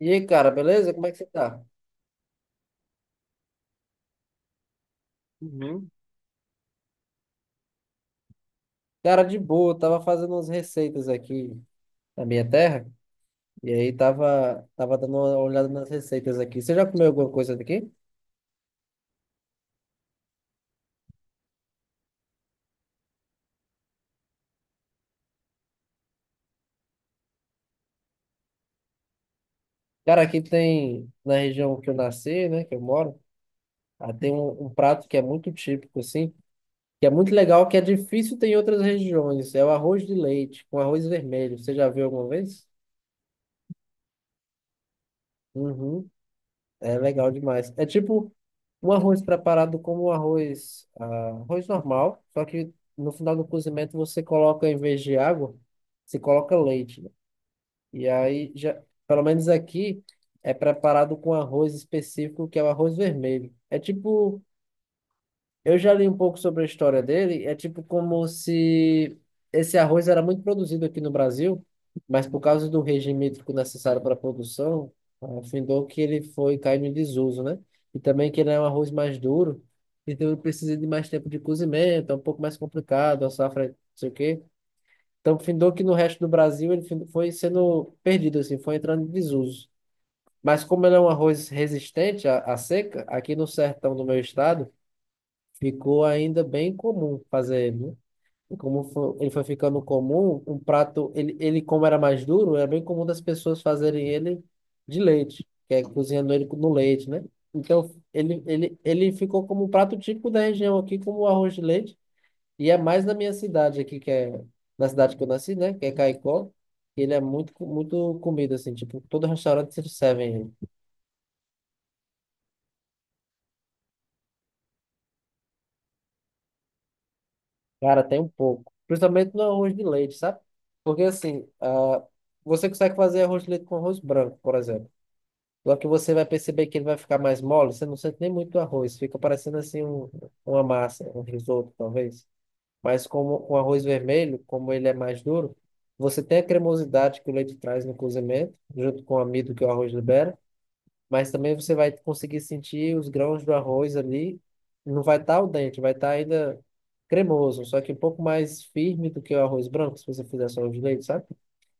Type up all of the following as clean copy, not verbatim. E aí, cara, beleza? Como é que você tá? Uhum. Cara, de boa, tava fazendo umas receitas aqui na minha terra, e aí tava dando uma olhada nas receitas aqui. Você já comeu alguma coisa daqui? Cara, aqui tem, na região que eu nasci, né, que eu moro, tem um prato que é muito típico, assim, que é muito legal, que é difícil ter em outras regiões. É o arroz de leite, com arroz vermelho. Você já viu alguma vez? Uhum. É legal demais. É tipo um arroz preparado como um arroz, arroz normal, só que no final do cozimento você coloca, em vez de água, você coloca leite, né? E aí, já, pelo menos aqui, é preparado com arroz específico, que é o arroz vermelho. É tipo eu já li um pouco sobre a história dele. É tipo como se esse arroz era muito produzido aqui no Brasil, mas por causa do regime hídrico necessário para a produção, afindou que ele foi caindo em desuso, né? E também que ele é um arroz mais duro, então ele precisa de mais tempo de cozimento, é um pouco mais complicado, a safra, não sei o quê. Então, findou que no resto do Brasil ele foi sendo perdido, assim, foi entrando em desuso. Mas como ele é um arroz resistente à, à seca, aqui no sertão do meu estado, ficou ainda bem comum fazer ele, né? E como ele foi ficando comum, um prato, ele como era mais duro, era bem comum das pessoas fazerem ele de leite, que é cozinhando ele no leite, né? Então, ele ficou como um prato típico da região aqui, como o arroz de leite, e é mais na minha cidade aqui, que é na cidade que eu nasci, né? Que é Caicó, ele é muito, muito comida, assim, tipo, todo restaurante serve ele. Cara, tem um pouco. Principalmente no arroz de leite, sabe? Porque assim, você consegue fazer arroz de leite com arroz branco, por exemplo. Só que você vai perceber que ele vai ficar mais mole, você não sente nem muito o arroz. Fica parecendo assim um, uma massa, um risoto, talvez. Mas como o arroz vermelho, como ele é mais duro, você tem a cremosidade que o leite traz no cozimento, junto com o amido que o arroz libera, mas também você vai conseguir sentir os grãos do arroz ali. Não vai estar o dente, vai estar ainda cremoso, só que um pouco mais firme do que o arroz branco, se você fizer só o de leite, sabe?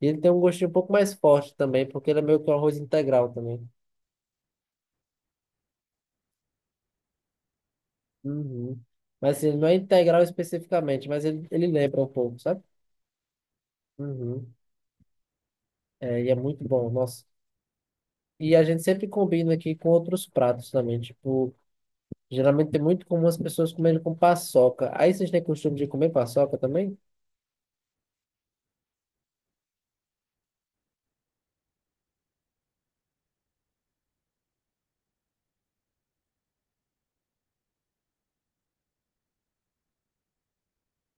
E ele tem um gostinho um pouco mais forte também, porque ele é meio que um arroz integral também. Uhum. Mas assim, ele não é integral especificamente, mas ele lembra um pouco, sabe? Uhum. É, e é muito bom, nossa. E a gente sempre combina aqui com outros pratos também, tipo, geralmente é muito comum as pessoas comerem com paçoca. Aí vocês têm costume de comer paçoca também?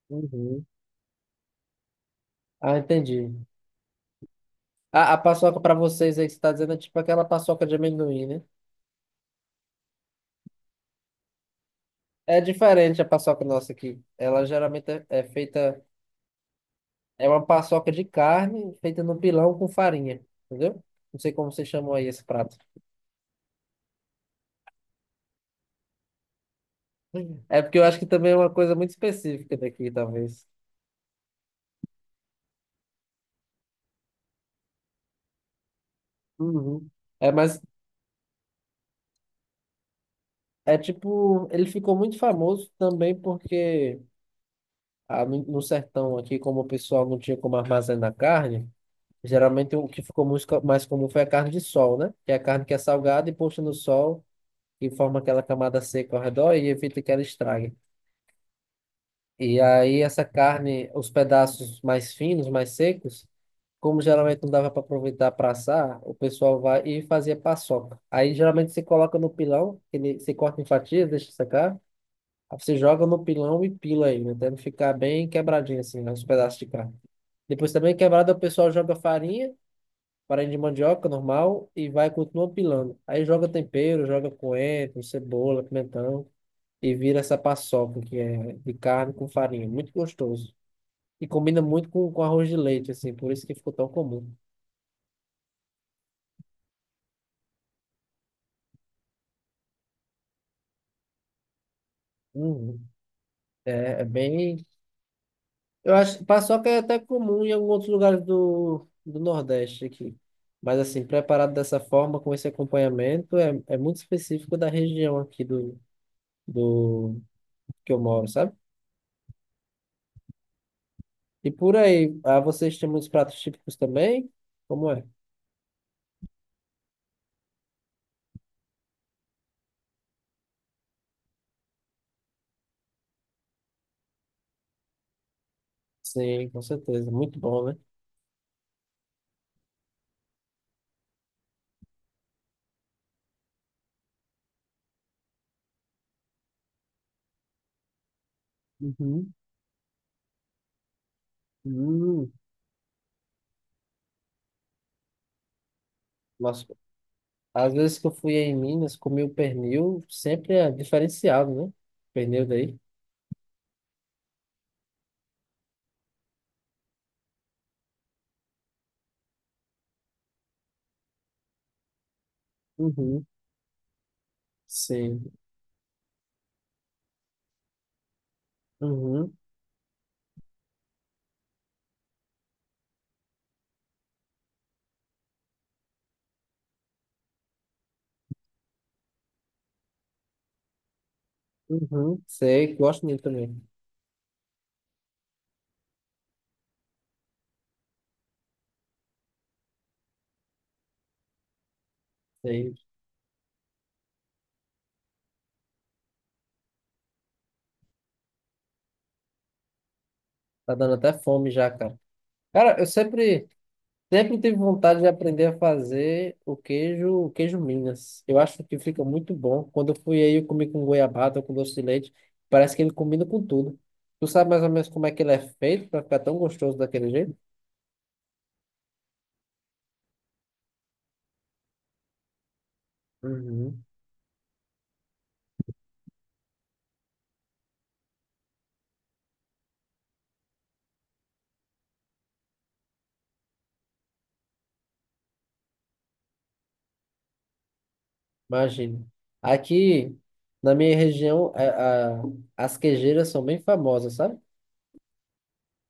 Uhum. Ah, entendi. A paçoca para vocês aí que você está dizendo é tipo aquela paçoca de amendoim, né? É diferente a paçoca nossa aqui. Ela geralmente é feita. É uma paçoca de carne feita no pilão com farinha. Entendeu? Não sei como vocês chamam aí esse prato. É porque eu acho que também é uma coisa muito específica daqui, talvez. Uhum. É, mas é tipo. Ele ficou muito famoso também porque no sertão aqui, como o pessoal não tinha como armazenar carne. Geralmente o que ficou mais comum foi a carne de sol, né? Que é a carne que é salgada e posta no sol e forma aquela camada seca ao redor e evita que ela estrague. E aí essa carne, os pedaços mais finos, mais secos, como geralmente não dava para aproveitar para assar, o pessoal vai e fazia paçoca. Aí geralmente você coloca no pilão, que ele, você corta em fatias, deixa secar, aí você joga no pilão e pila ele, até ele ficar bem quebradinho assim, né, os pedaços de carne. Depois também quebrado o pessoal joga farinha de mandioca normal e vai continua pilando. Aí joga tempero, joga coentro, cebola, pimentão e vira essa paçoca que é de carne com farinha. Muito gostoso. E combina muito com arroz de leite, assim, por isso que ficou tão comum. Uhum. É, é bem. Eu acho que paçoca é até comum em alguns outros lugares do, do Nordeste aqui. Mas assim, preparado dessa forma, com esse acompanhamento, é, é muito específico da região aqui do, do que eu moro, sabe? E por aí, vocês têm muitos pratos típicos também? Como é? Sim, com certeza. Muito bom, né? Uhum. Hum, nossa, às vezes que eu fui em Minas, comi o pernil, sempre é diferenciado, né? Pernil daí. Uhum. Sim. Uhum. Uhum. Sei, gosto dele também. Sei. Tá dando até fome já, cara. Cara, eu sempre. Sempre tive vontade de aprender a fazer o queijo Minas. Eu acho que fica muito bom. Quando eu fui aí, eu comi com goiabada, com doce de leite. Parece que ele combina com tudo. Tu sabe mais ou menos como é que ele é feito para ficar tão gostoso daquele jeito? Uhum. Imagino. Aqui, na minha região, as queijeiras são bem famosas, sabe?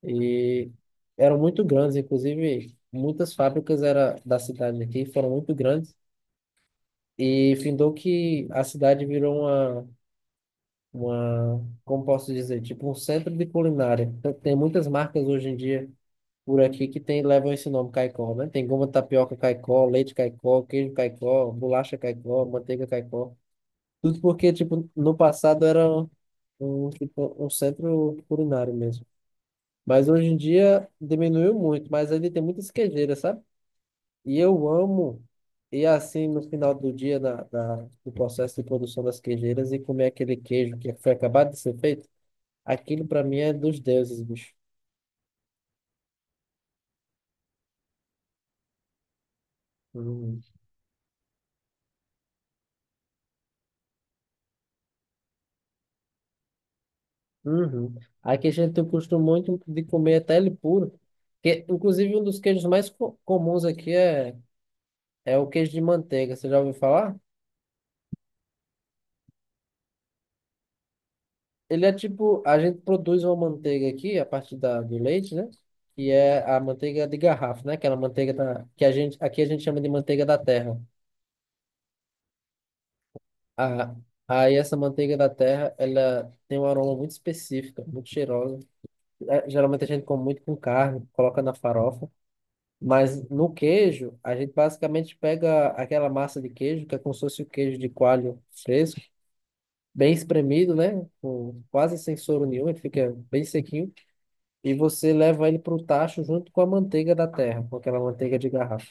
E eram muito grandes, inclusive muitas fábricas era da cidade aqui, foram muito grandes. E findou que a cidade virou uma, como posso dizer, tipo um centro de culinária. Tem muitas marcas hoje em dia por aqui que tem, levam esse nome Caicó, né? Tem goma de tapioca Caicó, leite Caicó, queijo Caicó, bolacha Caicó, manteiga Caicó. Tudo porque, tipo, no passado era um, um, tipo, um centro culinário mesmo. Mas hoje em dia diminuiu muito, mas ainda tem muitas queijeiras, sabe? E eu amo ir assim no final do dia do processo de produção das queijeiras e comer aquele queijo que foi acabado de ser feito. Aquilo pra mim é dos deuses, bicho. Uhum. Uhum. Aqui a gente costuma muito de comer até ele puro. Que, inclusive, um dos queijos comuns aqui é, é o queijo de manteiga. Você já ouviu falar? Ele é tipo, a gente produz uma manteiga aqui a partir da, do leite, né? Que é a manteiga de garrafa, né? Aquela manteiga da, que a gente, aqui a gente chama de manteiga da terra. Ah, aí essa manteiga da terra, ela tem um aroma muito específico, muito cheirosa. É, geralmente a gente come muito com carne, coloca na farofa. Mas no queijo, a gente basicamente pega aquela massa de queijo, que é como se fosse o queijo de coalho fresco, bem espremido, né? Com quase sem soro nenhum, ele fica bem sequinho. E você leva ele para o tacho junto com a manteiga da terra, com aquela manteiga de garrafa.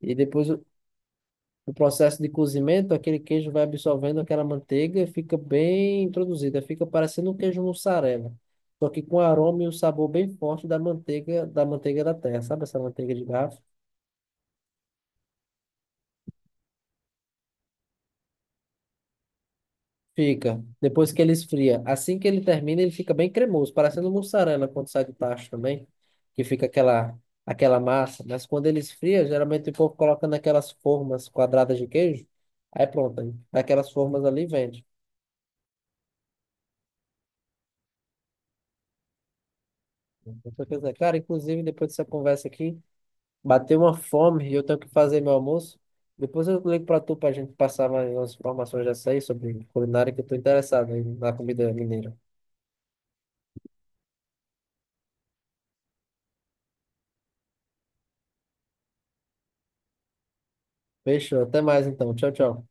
E depois o processo de cozimento, aquele queijo vai absorvendo aquela manteiga e fica bem introduzida, fica parecendo um queijo mussarela. Só que com o aroma e o sabor bem forte da manteiga, da manteiga da terra, sabe essa manteiga de garrafa? Fica. Depois que ele esfria. Assim que ele termina, ele fica bem cremoso, parecendo mussarela quando sai do tacho também, que fica aquela massa. Mas quando ele esfria, geralmente o povo coloca naquelas formas quadradas de queijo. Aí pronto, aí daquelas formas ali vende. Então, quer dizer, cara, inclusive depois dessa conversa aqui, bateu uma fome e eu tenho que fazer meu almoço. Depois eu ligo para tu para a gente passar mais umas informações dessa aí sobre culinária que eu tô interessado aí na comida mineira. Fechou, até mais então. Tchau, tchau.